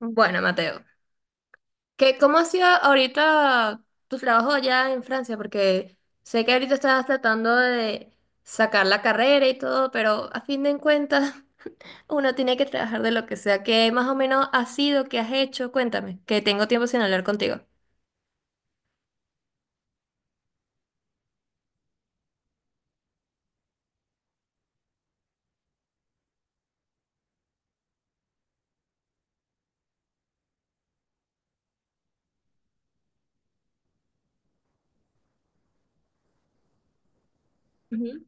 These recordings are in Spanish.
Bueno, Mateo, ¿cómo ha sido ahorita tu trabajo allá en Francia? Porque sé que ahorita estás tratando de sacar la carrera y todo, pero a fin de cuentas uno tiene que trabajar de lo que sea. ¿Qué más o menos ha sido, qué has hecho? Cuéntame, que tengo tiempo sin hablar contigo. Ujú.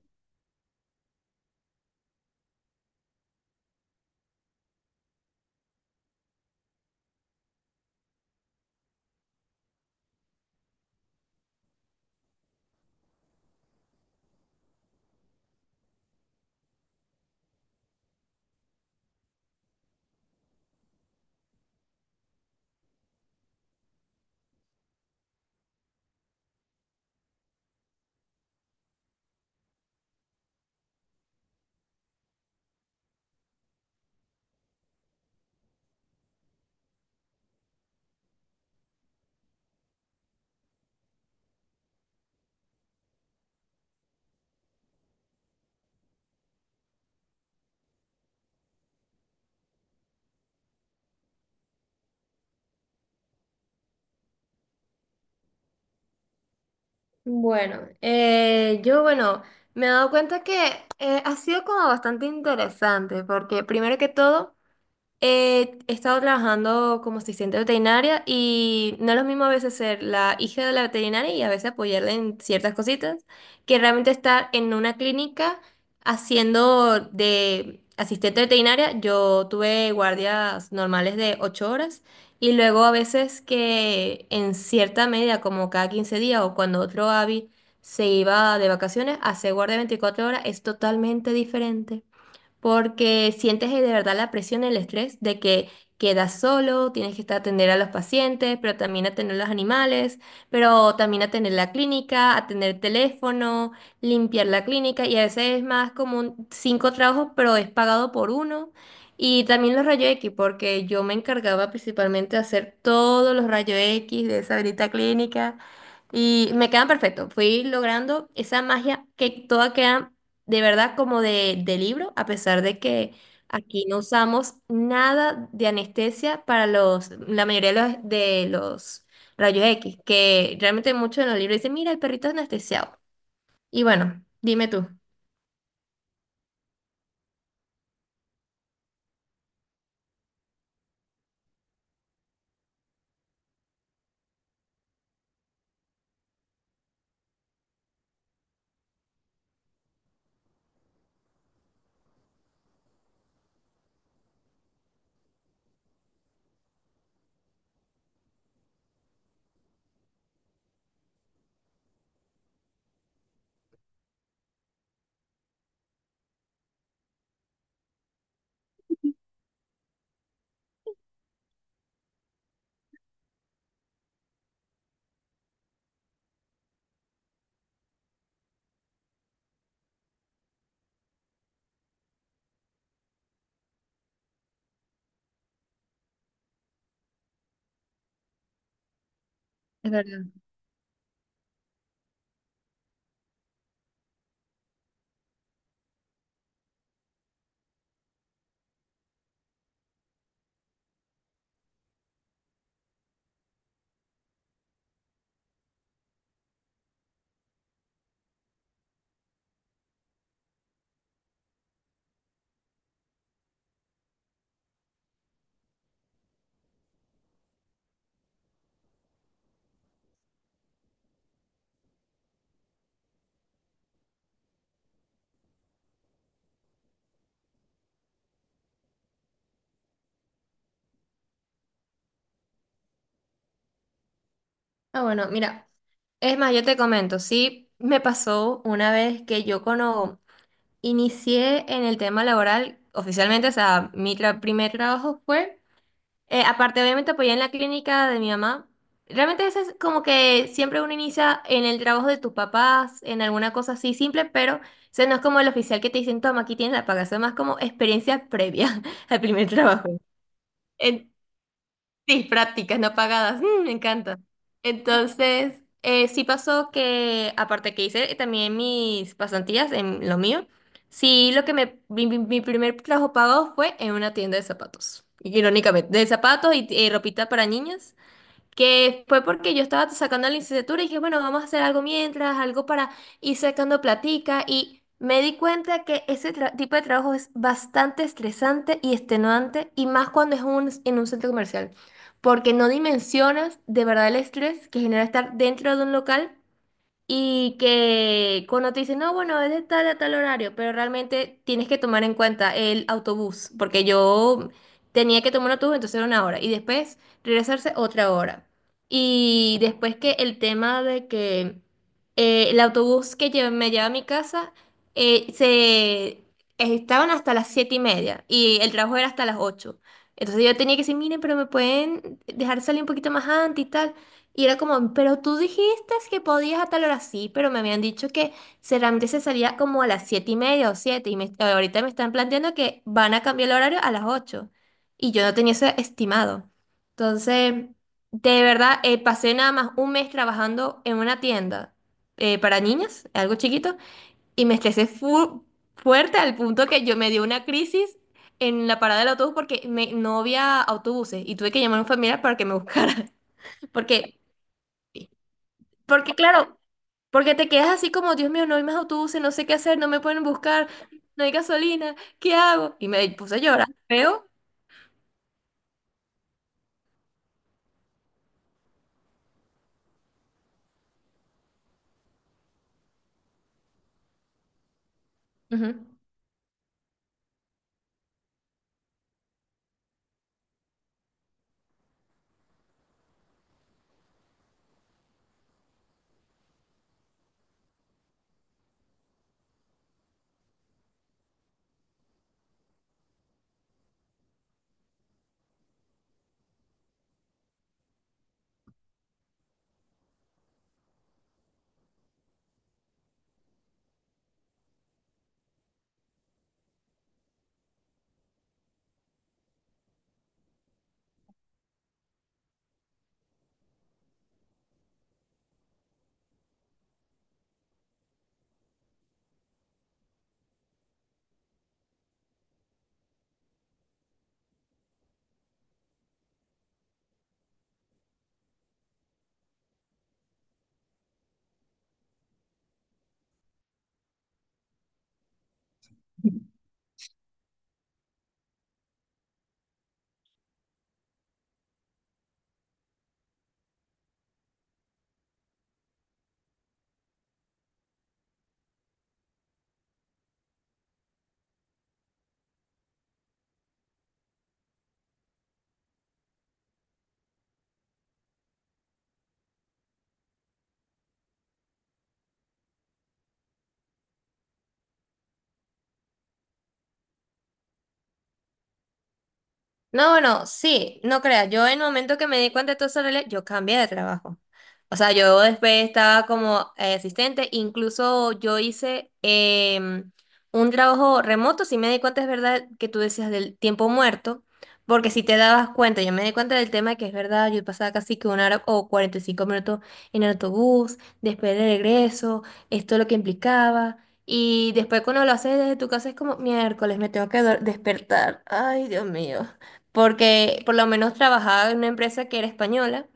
Bueno, yo, me he dado cuenta que ha sido como bastante interesante, porque primero que todo... he estado trabajando como asistente veterinaria y no es lo mismo a veces ser la hija de la veterinaria y a veces apoyarla en ciertas cositas que realmente estar en una clínica haciendo de asistente veterinaria. Yo tuve guardias normales de 8 horas y luego a veces que en cierta medida, como cada 15 días o cuando otro avi se iba de vacaciones, hacer guardia 24 horas es totalmente diferente porque sientes de verdad la presión, el estrés de que quedas solo, tienes que estar atender a los pacientes, pero también atender a los animales, pero también atender la clínica, atender el teléfono, limpiar la clínica y a veces es más como cinco trabajos, pero es pagado por uno. Y también los rayos X, porque yo me encargaba principalmente de hacer todos los rayos X de esa grita clínica y me quedan perfectos. Fui logrando esa magia que toda queda de verdad como de libro, a pesar de que aquí no usamos nada de anestesia para los, la mayoría de los rayos X, que realmente muchos en los libros dicen, mira, el perrito es anestesiado. Y bueno, dime tú. Es verdad. Ah, bueno, mira, es más, yo te comento, sí, me pasó una vez que yo cuando inicié en el tema laboral, oficialmente, o sea, primer trabajo fue. Aparte, obviamente, apoyé en la clínica de mi mamá. Realmente eso es como que siempre uno inicia en el trabajo de tus papás, en alguna cosa así simple, pero o sea, no es como el oficial que te dicen, toma, aquí tienes la paga, eso es más como experiencia previa al primer trabajo. En- Sí, prácticas no pagadas. Mm, me encanta. Entonces, sí pasó que, aparte que hice también mis pasantías en lo mío, sí lo que mi primer trabajo pagado fue en una tienda de zapatos, irónicamente, de zapatos y ropita para niñas, que fue porque yo estaba sacando la licenciatura y dije, bueno, vamos a hacer algo mientras, algo para ir sacando platica y me di cuenta que ese tipo de trabajo es bastante estresante y extenuante y más cuando es en un centro comercial, porque no dimensionas de verdad el estrés que genera estar dentro de un local y que cuando te dicen, no, bueno, es de tal a tal horario, pero realmente tienes que tomar en cuenta el autobús, porque yo tenía que tomar un autobús, entonces era una hora, y después regresarse otra hora. Y después que el tema de que el autobús me lleva a mi casa, se estaban hasta las 7:30, y el trabajo era hasta las ocho. Entonces yo tenía que decir, miren, pero me pueden dejar salir un poquito más antes y tal. Y era como, pero tú dijiste que podías a tal hora, sí, pero me habían dicho que solamente se salía como a las 7:30 o siete, ahorita me están planteando que van a cambiar el horario a las ocho, y yo no tenía eso estimado. Entonces, de verdad, pasé nada más un mes trabajando en una tienda para niñas, algo chiquito, y me estresé fuerte al punto que yo me dio una crisis en la parada del autobús porque no había autobuses, y tuve que llamar a un familiar para que me buscara, porque... Porque claro, porque te quedas así como, Dios mío, no hay más autobuses, no sé qué hacer, no me pueden buscar, no hay gasolina, ¿qué hago? Y me puse a llorar, feo. Ujú. No, bueno, sí, no creas, yo en el momento que me di cuenta de todo eso, Lele, yo cambié de trabajo. O sea, yo después estaba como asistente, incluso yo hice un trabajo remoto, si me di cuenta es verdad que tú decías del tiempo muerto, porque si te dabas cuenta, yo me di cuenta del tema que es verdad, yo pasaba casi que una hora o 45 minutos en el autobús, después de regreso, esto es lo que implicaba. Y después cuando lo haces desde tu casa es como miércoles, me tengo despertar. Ay, Dios mío, porque por lo menos trabajaba en una empresa que era española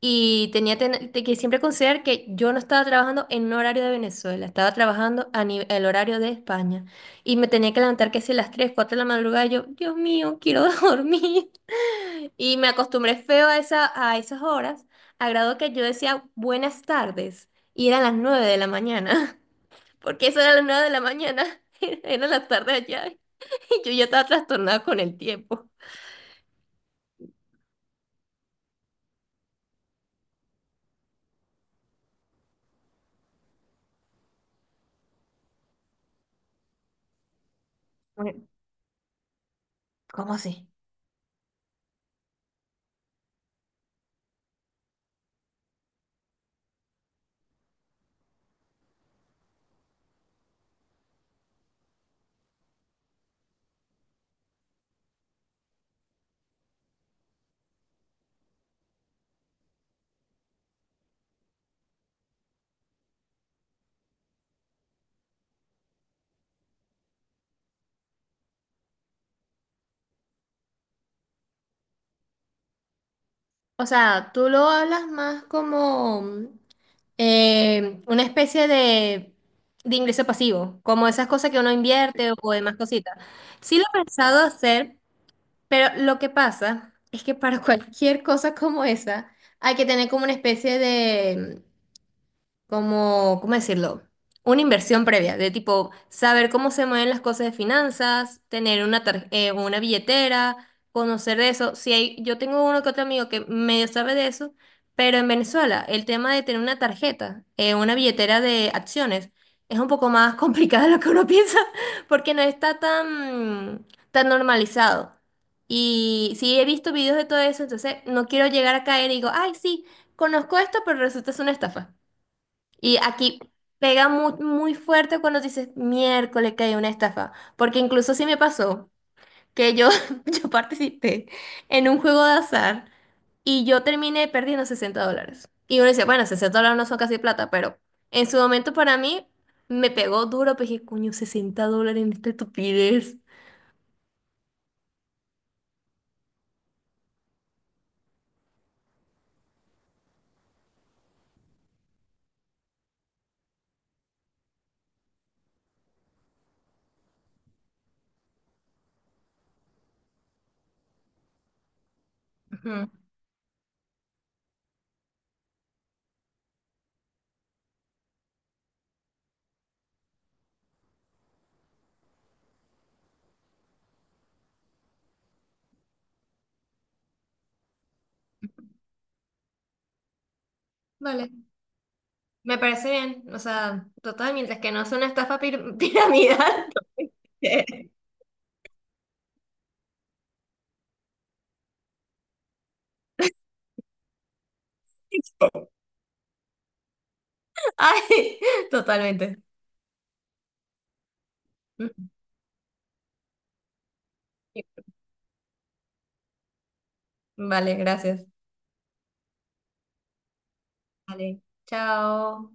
y tenía que siempre considerar que yo no estaba trabajando en un horario de Venezuela, estaba trabajando a el horario de España y me tenía que levantar que si a las 3 4 de la madrugada yo, Dios mío, quiero dormir. Y me acostumbré feo a esas horas, a grado que yo decía buenas tardes y eran las 9 de la mañana, porque eso era las 9 de la mañana, eran las tardes allá y yo ya estaba trastornada con el tiempo. Bueno, ¿cómo así? O sea, tú lo hablas más como una especie de ingreso pasivo, como esas cosas que uno invierte o demás cositas. Sí lo he pensado hacer, pero lo que pasa es que para cualquier cosa como esa hay que tener como una especie de, como, ¿cómo decirlo? Una inversión previa, de tipo saber cómo se mueven las cosas de finanzas, tener una, una billetera, conocer de eso. Si hay, yo tengo uno que otro amigo que medio sabe de eso, pero en Venezuela el tema de tener una tarjeta, una billetera de acciones, es un poco más complicado de lo que uno piensa, porque no está tan, tan normalizado. Y sí he visto videos de todo eso, entonces no quiero llegar a caer y digo, ay, sí, conozco esto, pero resulta es una estafa. Y aquí pega muy, muy fuerte cuando dices miércoles que hay una estafa, porque incluso sí me pasó que yo, yo participé en un juego de azar y yo terminé perdiendo $60. Y uno dice, bueno, $60 no son casi plata, pero en su momento para mí me pegó duro, pues dije, coño, $60 en esta estupidez. Ujú. Vale, me parece bien. O sea, total, mientras que no sea una estafa piramidal. Ay, totalmente. Vale, gracias. Vale, chao.